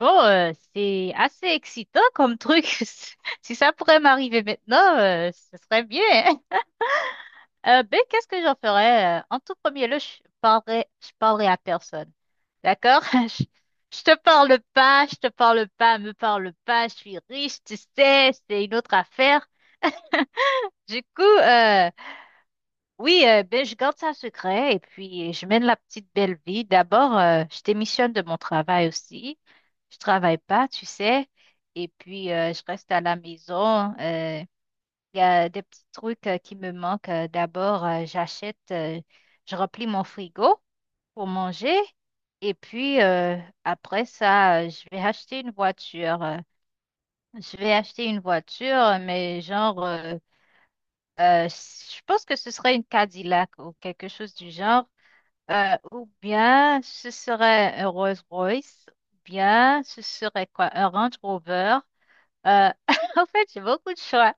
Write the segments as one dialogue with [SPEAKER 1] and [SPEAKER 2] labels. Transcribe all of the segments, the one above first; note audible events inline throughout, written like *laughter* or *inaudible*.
[SPEAKER 1] Bon, c'est assez excitant comme truc. *laughs* Si ça pourrait m'arriver maintenant, ce serait bien, hein. Qu'est-ce que j'en ferais? En tout premier lieu, je parlerais à personne. D'accord? *laughs* Je te parle pas, je te parle pas, me parle pas, je suis riche, tu sais, c'est une autre affaire. Du coup, oui, ben, je garde ça secret et puis je mène la petite belle vie. D'abord, je démissionne de mon travail aussi. Je travaille pas, tu sais. Et puis, je reste à la maison. Il y a des petits trucs qui me manquent. D'abord, je remplis mon frigo pour manger. Et puis, après ça, je vais acheter une voiture. Je vais acheter une voiture, mais je pense que ce serait une Cadillac ou quelque chose du genre. Ou bien ce serait un Rolls-Royce, ou bien ce serait quoi? Un Range Rover. Euh, *laughs* en fait, j'ai beaucoup de choix.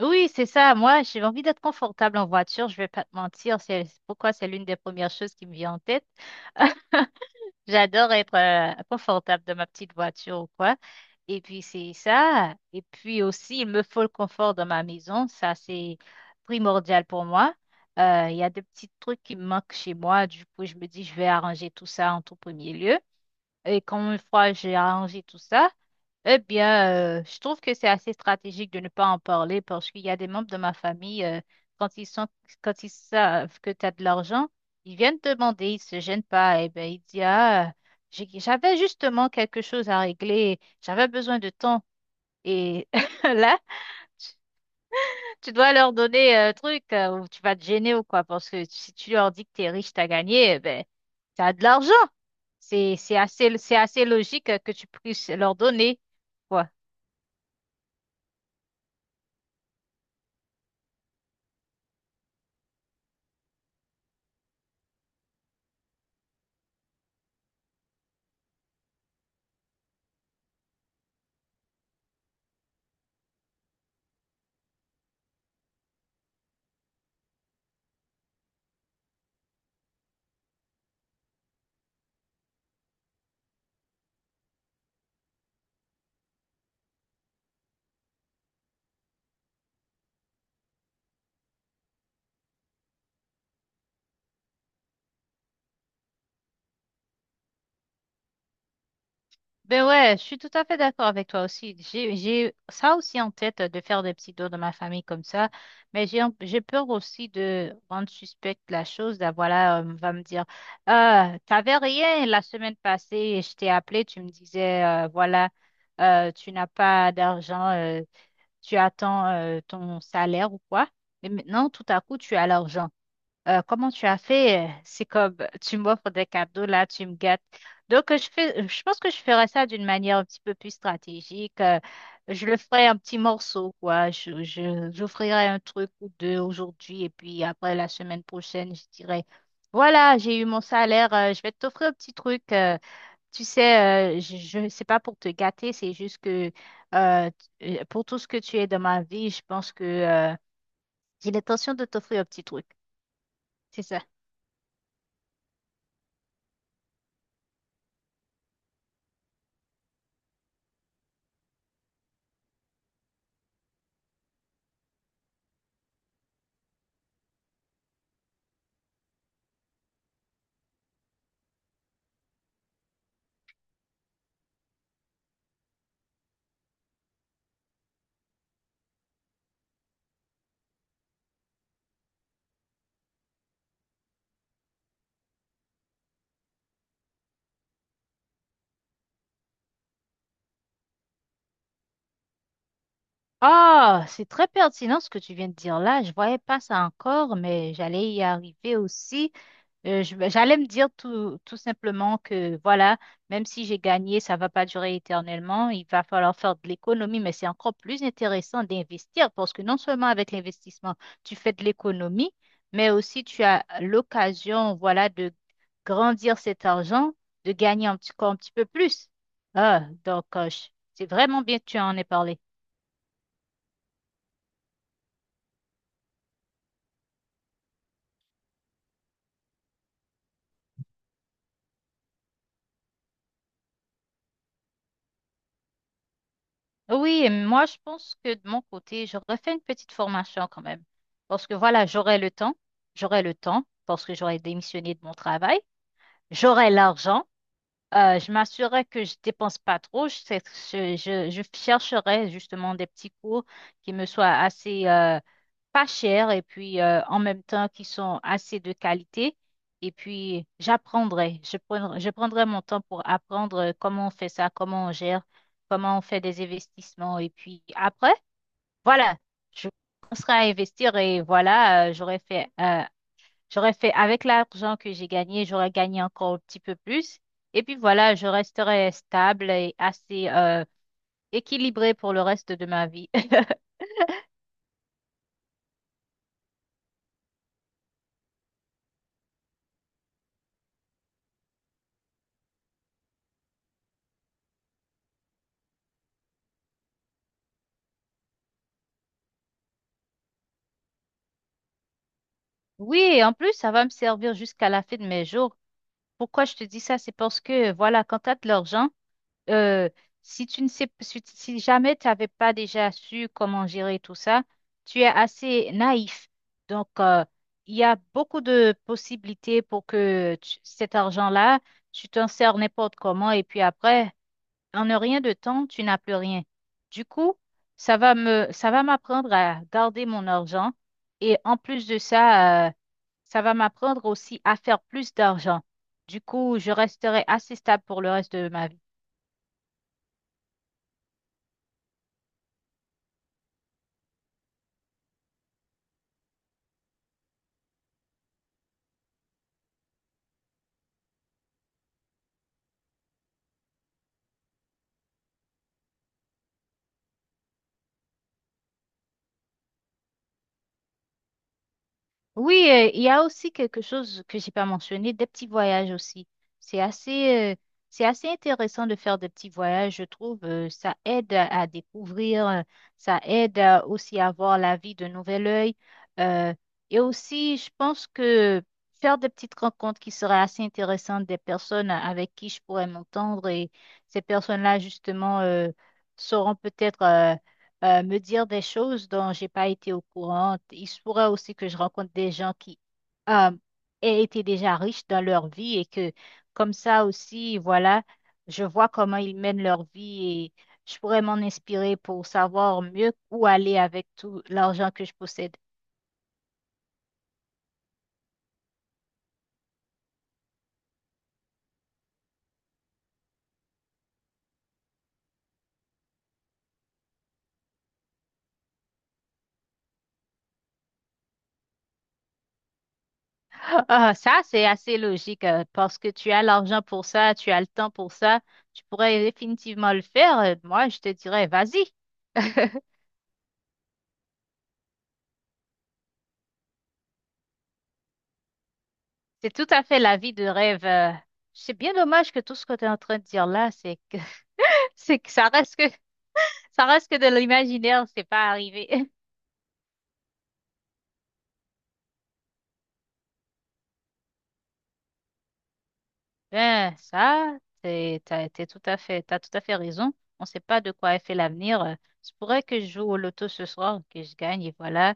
[SPEAKER 1] Oui, c'est ça. Moi, j'ai envie d'être confortable en voiture. Je vais pas te mentir. C'est pourquoi c'est l'une des premières choses qui me vient en tête. *laughs* J'adore être confortable dans ma petite voiture ou quoi. Et puis c'est ça. Et puis aussi, il me faut le confort dans ma maison. Ça, c'est primordial pour moi. Il y a des petits trucs qui me manquent chez moi. Du coup, je me dis, je vais arranger tout ça en tout premier lieu. Et quand une fois j'ai arrangé tout ça, eh bien, je trouve que c'est assez stratégique de ne pas en parler parce qu'il y a des membres de ma famille, quand ils sont, quand ils savent que tu as de l'argent, ils viennent te demander, ils se gênent pas. Et ben, ils disent, ah, j'avais justement quelque chose à régler, j'avais besoin de temps. Et *laughs* là, tu dois leur donner un truc ou tu vas te gêner ou quoi, parce que si tu leur dis que t'es riche, t'as gagné, eh ben, t'as de l'argent. C'est assez logique que tu puisses leur donner, quoi. Ben ouais, je suis tout à fait d'accord avec toi aussi. J'ai ça aussi en tête de faire des petits tours de ma famille comme ça, mais j'ai peur aussi de rendre suspecte la chose. Là, voilà, on va me dire, ah, t'avais rien la semaine passée et je t'ai appelé, tu me disais, voilà, tu n'as pas d'argent, tu attends ton salaire ou quoi, mais maintenant tout à coup tu as l'argent. Comment tu as fait? C'est comme tu m'offres des cadeaux là, tu me gâtes. Donc, je pense que je ferai ça d'une manière un petit peu plus stratégique. Je le ferai un petit morceau, quoi. J'offrirai un truc ou deux aujourd'hui et puis après la semaine prochaine, je dirai, voilà, j'ai eu mon salaire, je vais t'offrir un petit truc. Tu sais, je c'est pas pour te gâter, c'est juste que euh, pour tout ce que tu es dans ma vie, je pense que j'ai l'intention de t'offrir un petit truc. C'est ça. Ah, c'est très pertinent ce que tu viens de dire là. Je voyais pas ça encore, mais j'allais y arriver aussi. Ben, j'allais me dire tout simplement que voilà, même si j'ai gagné, ça va pas durer éternellement. Il va falloir faire de l'économie, mais c'est encore plus intéressant d'investir parce que non seulement avec l'investissement, tu fais de l'économie, mais aussi tu as l'occasion, voilà, de grandir cet argent, de gagner encore un petit peu plus. Ah, donc, euh, je- c'est vraiment bien que tu en aies parlé. Oui, et moi, je pense que de mon côté, j'aurais fait une petite formation quand même. Parce que voilà, j'aurais le temps, parce que j'aurais démissionné de mon travail, j'aurais l'argent. Je m'assurerai que je dépense pas trop. Je, sais- je chercherai justement des petits cours qui me soient assez pas chers et puis en même temps qui sont assez de qualité. Et puis j'apprendrai. Je prendrai mon temps pour apprendre comment on fait ça, comment on gère, comment on fait des investissements. Et puis après, voilà, je commencerai à investir et voilà, J'aurais fait avec l'argent que j'ai gagné, j'aurais gagné encore un petit peu plus. Et puis voilà, je resterais stable et assez équilibrée pour le reste de ma vie. *laughs* Oui, et en plus, ça va me servir jusqu'à la fin de mes jours. Pourquoi je te dis ça? C'est parce que, voilà, quand tu as de l'argent, euh, si tu ne sais, si, si jamais tu n'avais pas déjà su comment gérer tout ça, tu es assez naïf. Donc, il y a beaucoup de possibilités pour que cet argent-là, tu t'en sers n'importe comment et puis après, en ne rien de temps, tu n'as plus rien. Du coup, ça va m'apprendre à garder mon argent et en plus de ça, ça va m'apprendre aussi à faire plus d'argent. Du coup, je resterai assez stable pour le reste de ma vie. Oui, il y a aussi quelque chose que j'ai pas mentionné, des petits voyages aussi. C'est assez, euh, c'est assez intéressant de faire des petits voyages, je trouve. Ça aide à découvrir, ça aide aussi à voir la vie d'un nouvel œil. euh, et aussi, je pense que faire des petites rencontres qui seraient assez intéressantes, des personnes avec qui je pourrais m'entendre, et ces personnes-là, justement, sauront peut-être me dire des choses dont j'ai pas été au courant. Il se pourrait aussi que je rencontre des gens qui euh, aient été déjà riches dans leur vie et que comme ça aussi, voilà, je vois comment ils mènent leur vie et je pourrais m'en inspirer pour savoir mieux où aller avec tout l'argent que je possède. *laughs* Ah, ah, ça, c'est assez logique parce que tu as l'argent pour ça, tu as le temps pour ça. Tu pourrais définitivement le faire. Moi, je te dirais, vas-y. *laughs* C'est tout à fait la vie de rêve. C'est bien dommage que tout ce que tu es en train de dire là, c'est que, *laughs* c'est que ça reste que, ça reste que de l'imaginaire, c'est pas arrivé. *laughs* Ben, ça, t'as tout à fait raison. On sait pas de quoi est fait l'avenir. Je pourrait que je joue au loto ce soir, que je gagne et voilà.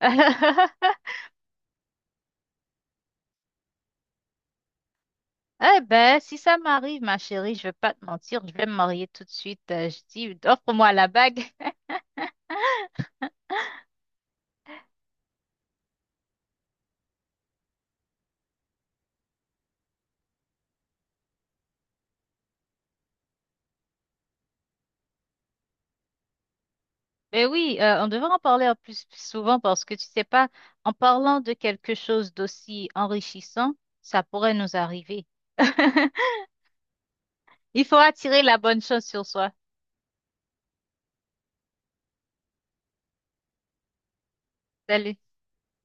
[SPEAKER 1] *laughs* Eh ben, si ça m'arrive, ma chérie, je vais pas te mentir, je vais me marier tout de suite. Je dis, offre-moi la bague. *laughs* Ben oui, on devrait en parler en plus souvent parce que tu sais pas, en parlant de quelque chose d'aussi enrichissant, ça pourrait nous arriver. *laughs* Il faut attirer la bonne chose sur soi. Salut.